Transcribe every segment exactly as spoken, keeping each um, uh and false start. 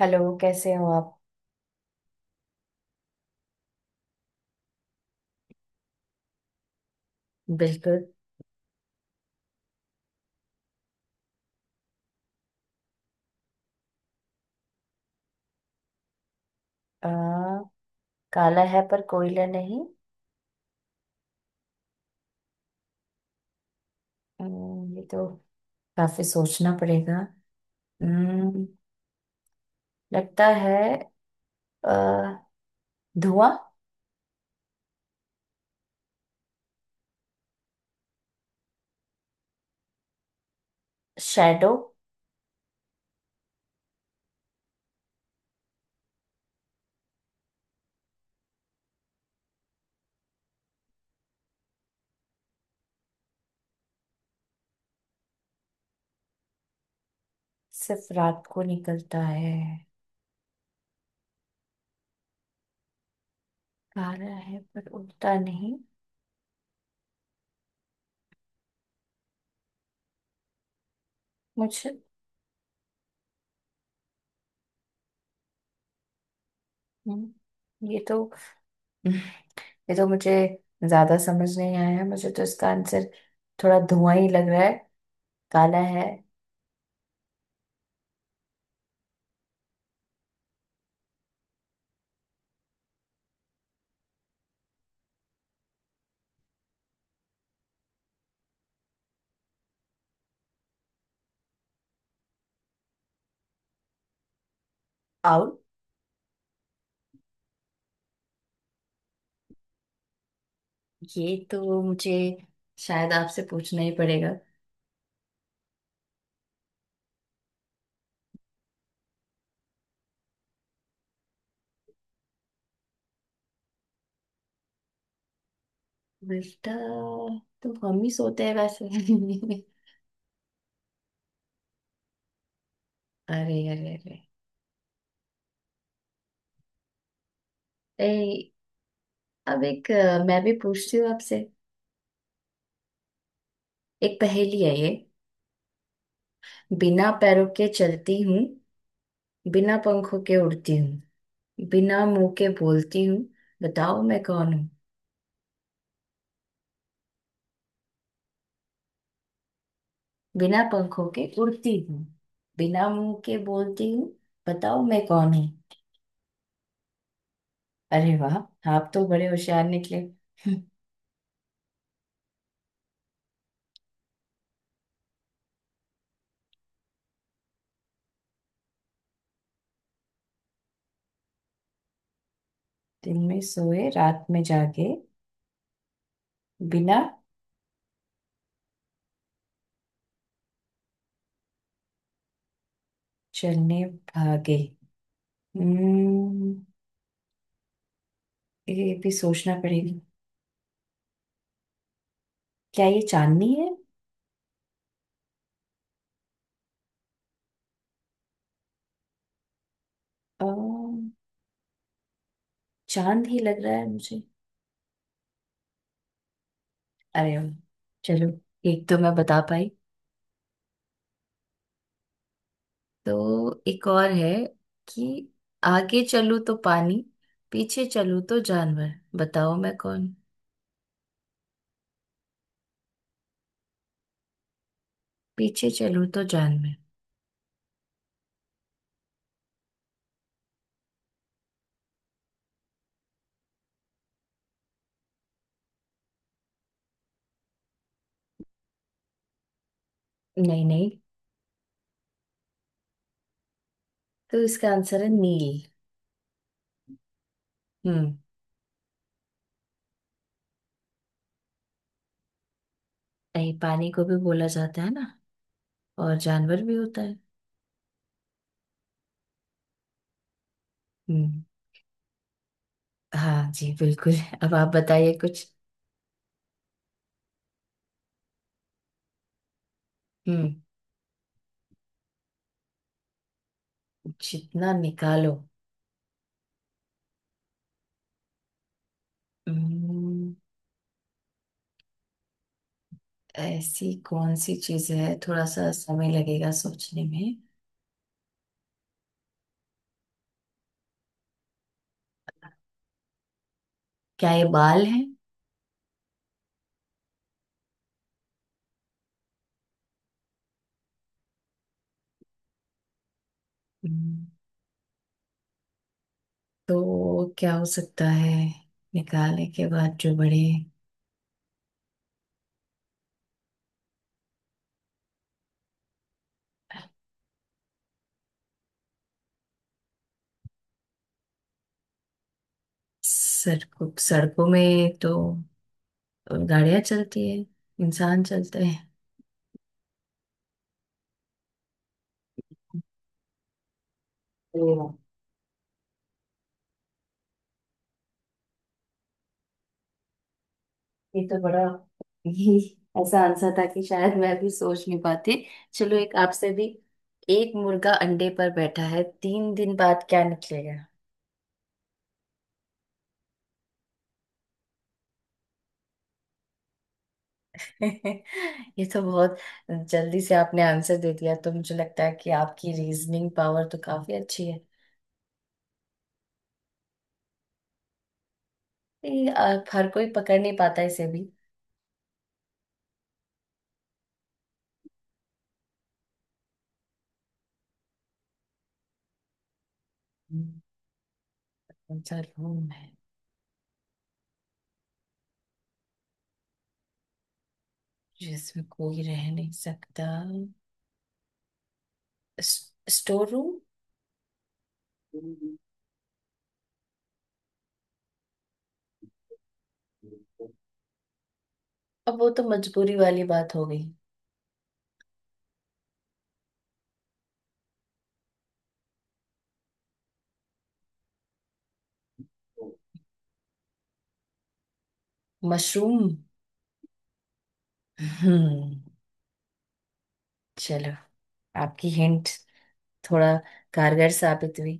Hello, कैसे हो आप? बिल्कुल। आ, काला है पर कोयला नहीं। अम्म, ये तो काफी सोचना पड़ेगा। अम्म, लगता है अ, धुआं। शैडो। सिर्फ रात को निकलता है। काला है पर उड़ता नहीं। मुझे। हम्म, ये तो ये तो मुझे ज्यादा समझ नहीं आया है। मुझे तो इसका आंसर थोड़ा धुआं ही लग रहा है। काला है। आउट। ये तो मुझे शायद आपसे पूछना ही पड़ेगा। बेटा, तुम हम ही सोते हैं वैसे अरे अरे अरे। ए, अब एक अ, मैं भी पूछती हूँ आपसे। एक पहेली है ये। बिना पैरों के चलती हूँ। बिना पंखों के उड़ती हूँ। बिना मुंह के बोलती हूँ। बताओ मैं कौन हूँ? बिना पंखों के उड़ती हूँ। बिना मुंह के बोलती हूँ। बताओ मैं कौन हूँ? अरे वाह! आप तो बड़े होशियार निकले दिन में सोए रात में जागे, बिना चलने भागे। हम्म, ये भी सोचना पड़ेगा। क्या ये चांदनी है? अ, चांद ही लग रहा है मुझे। अरे वाह! चलो, एक तो मैं बता पाई। तो एक और है कि आगे चलूं तो पानी, पीछे चलूं तो जानवर। बताओ मैं कौन? पीछे चलूं तो जानवर। नहीं नहीं। तो इसका आंसर है नील। हम्म। नहीं, पानी को भी बोला जाता है ना, और जानवर भी होता है। हम्म। हाँ जी, बिल्कुल। अब आप बताइए कुछ। हम्म। जितना निकालो। हम्म, ऐसी कौन सी चीज है? थोड़ा सा समय लगेगा सोचने में। क्या ये बाल है? हम्म, तो क्या हो सकता है? निकालने के बाद जो बड़े। सड़कों सड़कों में तो गाड़ियां चलती है, इंसान चलते हैं। तो ये तो बड़ा ही ऐसा आंसर था कि शायद मैं भी सोच नहीं पाती। चलो, एक आपसे भी। एक मुर्गा अंडे पर बैठा है, तीन दिन बाद क्या निकलेगा? ये तो बहुत जल्दी से आपने आंसर दे दिया। तो मुझे लगता है कि आपकी रीजनिंग पावर तो काफी अच्छी है। ये, अ, हर कोई पकड़ नहीं पाता इसे भी। हम्म, कौन सा रूम है जिसमें कोई रह नहीं सकता? Store room. अब वो तो मजबूरी वाली बात हो गई। मशरूम। हम्म। चलो, आपकी हिंट थोड़ा कारगर साबित हुई।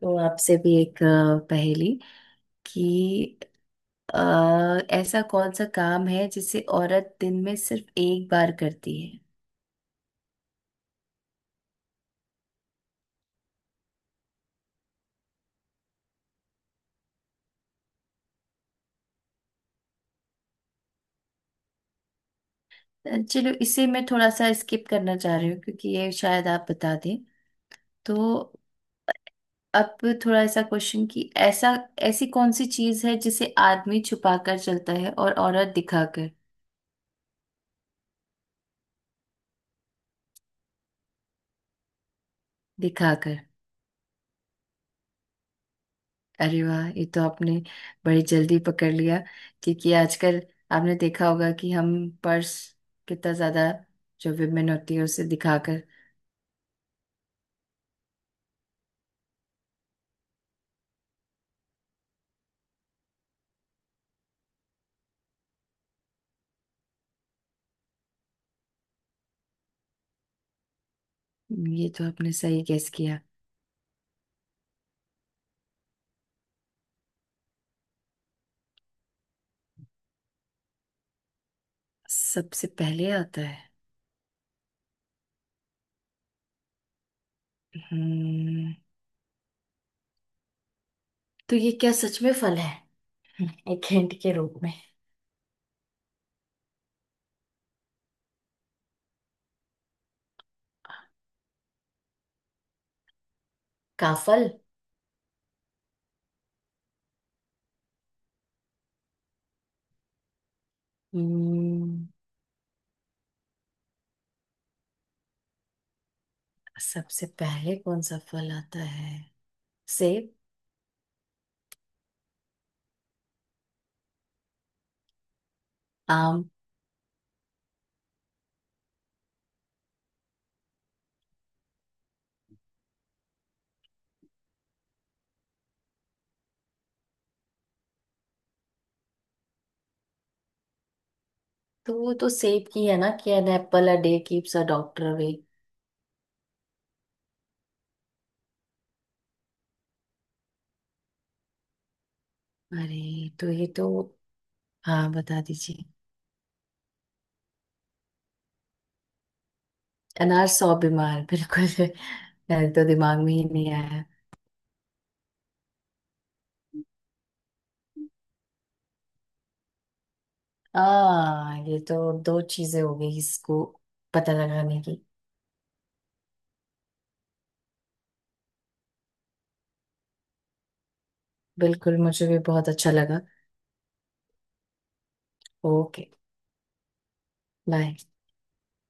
तो आपसे भी एक अ, पहेली, कि अ, ऐसा कौन सा काम है जिसे औरत दिन में सिर्फ एक बार करती है? अ, चलो, इसे मैं थोड़ा सा स्किप करना चाह रही हूँ क्योंकि ये शायद आप बता दें। तो अब थोड़ा ऐसा क्वेश्चन कि ऐसा ऐसी कौन सी चीज है जिसे आदमी छुपा कर चलता है और औरत दिखाकर? दिखाकर। अरे वाह! ये तो आपने बड़ी जल्दी पकड़ लिया। क्योंकि आजकल आपने देखा होगा कि हम पर्स कितना ज्यादा, जो विमेन होती है उसे दिखाकर। ये तो आपने सही गेस किया। सबसे पहले आता है। हम्म। तो ये क्या सच में फल है? एक हिंट के रूप में। काफल। हम्म। सबसे पहले कौन सा फल आता है? सेब। आम। तो वो तो सेब की है ना कि an apple a day keeps a doctor away. अरे तो ये तो। हाँ, बता दीजिए। अनार सौ बीमार, बिल्कुल मेरे तो दिमाग में ही नहीं आया। आ, ये तो दो चीजें हो गई इसको पता लगाने की। बिल्कुल, मुझे भी बहुत अच्छा लगा। ओके। बाय।